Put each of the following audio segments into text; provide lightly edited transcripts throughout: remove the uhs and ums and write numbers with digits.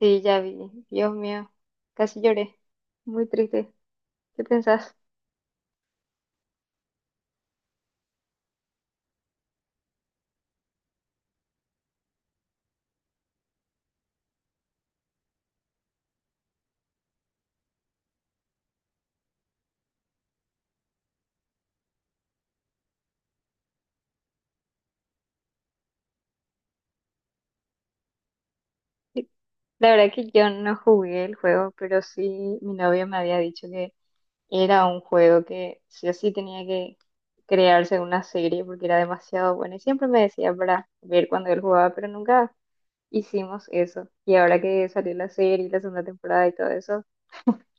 Sí, ya vi. Dios mío, casi lloré. Muy triste. ¿Qué pensás? Sí. La verdad que yo no jugué el juego, pero sí mi novio me había dicho que era un juego que sí o sí tenía que crearse una serie porque era demasiado bueno. Y siempre me decía para ver cuando él jugaba, pero nunca hicimos eso. Y ahora que salió la serie, la segunda temporada y todo eso,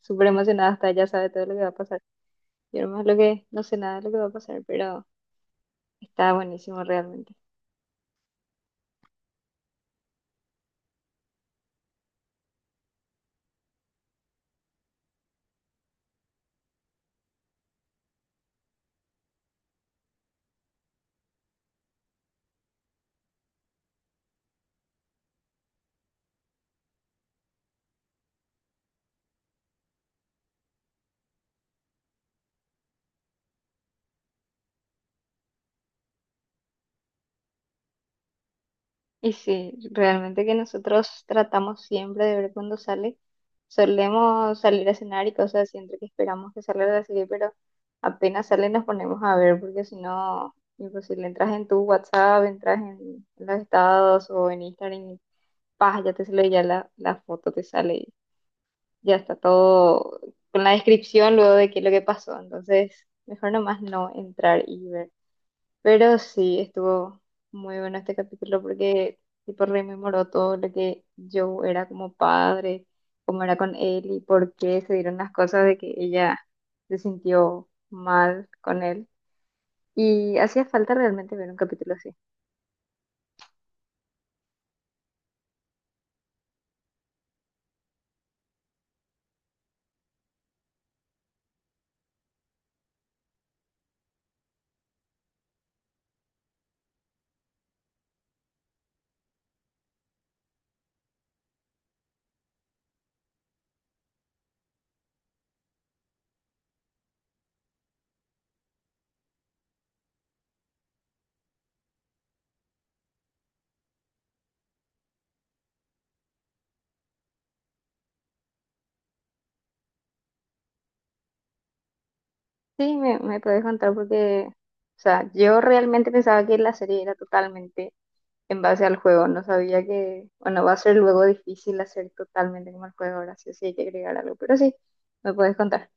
súper emocionada hasta ya sabe todo lo que va a pasar. Yo nomás lo que no sé nada de lo que va a pasar, pero está buenísimo realmente. Y sí, realmente que nosotros tratamos siempre de ver cuando sale. Solemos salir a cenar y cosas así, entre que esperamos que salga la serie, pero apenas sale nos ponemos a ver, porque si no, imposible, entras en tu WhatsApp, entras en los estados o en Instagram y ¡pah! Ya te sale ya la foto, te sale y ya está todo con la descripción luego de qué es lo que pasó. Entonces, mejor nomás no entrar y ver. Pero sí, estuvo muy bueno este capítulo porque tipo rememoró todo lo que yo era como padre, cómo era con él y por qué se dieron las cosas de que ella se sintió mal con él. Y hacía falta realmente ver un capítulo así. Sí, me podés contar porque, o sea, yo realmente pensaba que la serie era totalmente en base al juego. No sabía que, bueno, va a ser luego difícil hacer totalmente como el juego ahora sí, sí hay que agregar algo. Pero sí, me podés contar.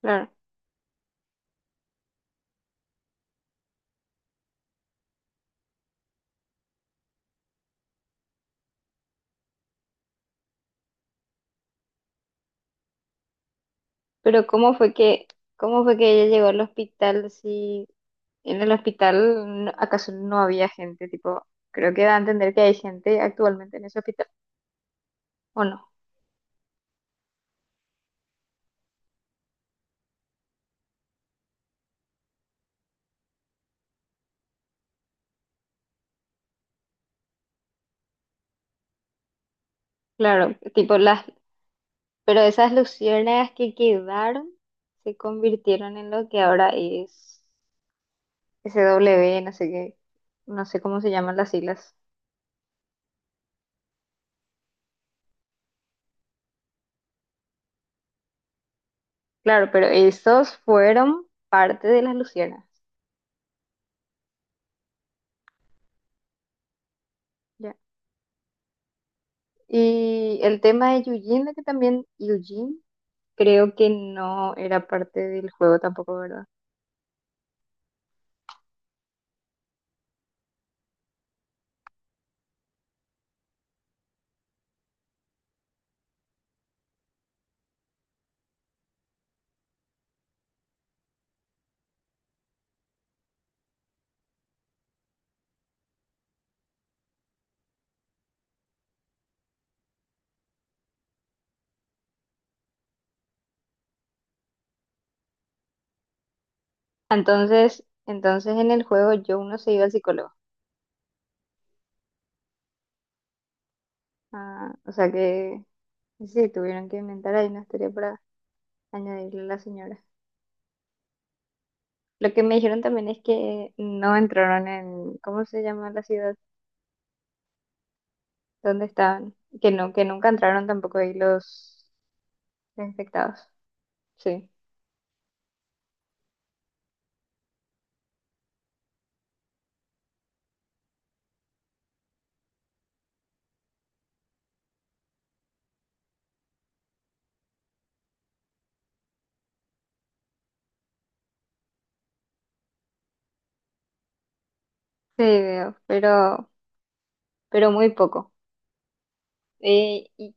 Claro. Pero cómo fue que ella llegó al hospital si en el hospital no- acaso no había gente? Tipo, creo que da a entender que hay gente actualmente en ese hospital, ¿o no? Claro, tipo las, pero esas luciérnagas que quedaron se convirtieron en lo que ahora es S w no sé qué, no sé cómo se llaman las siglas. Claro, pero esos fueron parte de las luciérnagas. Ya. Y el tema de Eugene, de que también Eugene creo que no era parte del juego tampoco, ¿verdad? Entonces, entonces en el juego yo no se iba al psicólogo. Ah, o sea que sí, tuvieron que inventar ahí una historia para añadirle a la señora. Lo que me dijeron también es que no entraron en, ¿cómo se llama la ciudad? ¿Dónde estaban? Que no, que nunca entraron tampoco ahí los infectados. Sí, sí, veo, pero, muy poco. ¿Y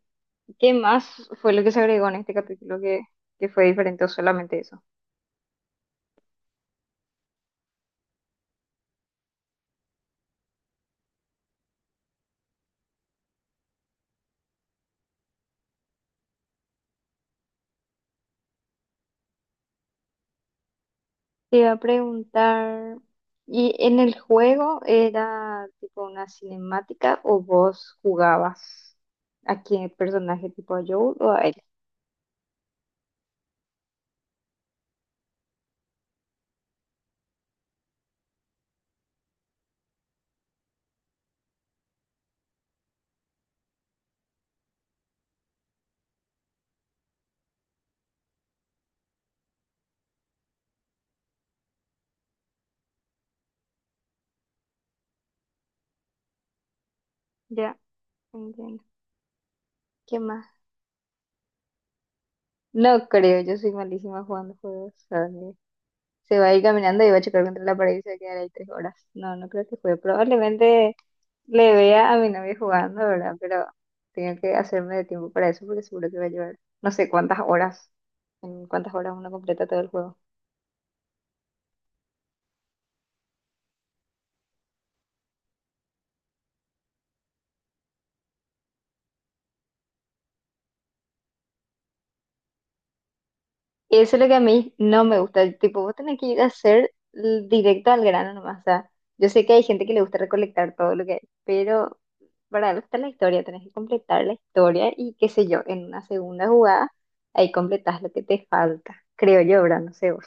qué más fue lo que se agregó en este capítulo que fue diferente o solamente eso? Te iba a preguntar, ¿y en el juego era tipo una cinemática o vos jugabas a qué personaje tipo a Joel o a él? Ya, entiendo. ¿Qué más? No creo, yo soy malísima jugando juegos. ¿Sabes? Se va a ir caminando y va a chocar contra la pared y se va a quedar ahí 3 horas. No, no creo que juegue. Probablemente le vea a mi novia jugando, ¿verdad? Pero tengo que hacerme de tiempo para eso porque seguro que va a llevar no sé cuántas horas, en cuántas horas uno completa todo el juego. Eso es lo que a mí no me gusta. Tipo, vos tenés que ir a hacer directo al grano nomás. O sea, yo sé que hay gente que le gusta recolectar todo lo que hay, pero para algo está la historia. Tenés que completar la historia y qué sé yo, en una segunda jugada, ahí completás lo que te falta. Creo yo, ¿verdad? No sé vos.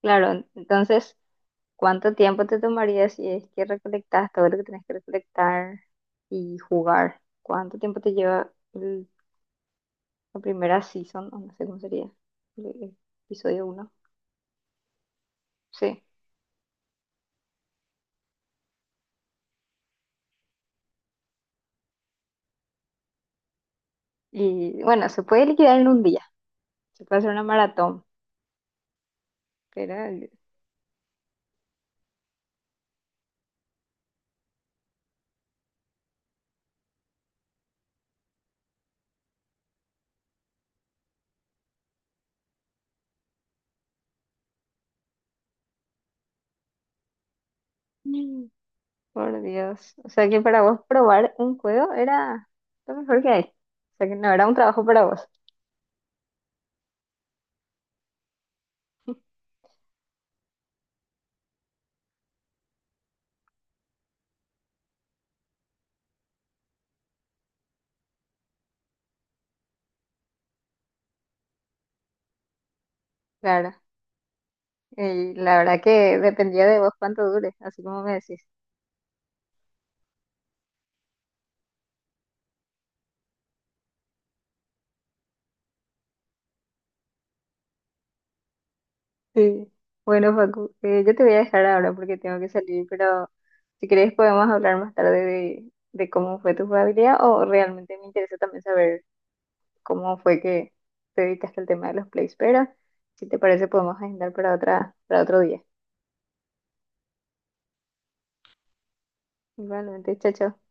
Claro, entonces, ¿cuánto tiempo te tomaría si es que recolectás todo lo que tenés que recolectar y jugar? ¿Cuánto tiempo te lleva la primera season? O no sé cómo sería. El Episodio 1. Sí. Y bueno, se puede liquidar en un día, se puede hacer una maratón, pero mm, por Dios, o sea que para vos probar un juego era lo mejor que hay, o sea que no era un trabajo para vos, claro, y la verdad que dependía de vos cuánto dure, así como me decís. Sí. Bueno, Facu, yo te voy a dejar ahora porque tengo que salir, pero si querés podemos hablar más tarde de, cómo fue tu jugabilidad o realmente me interesa también saber cómo fue que te dedicaste al tema de los plays, pero si te parece podemos agendar para otra, para otro día. Igualmente, chao, chao.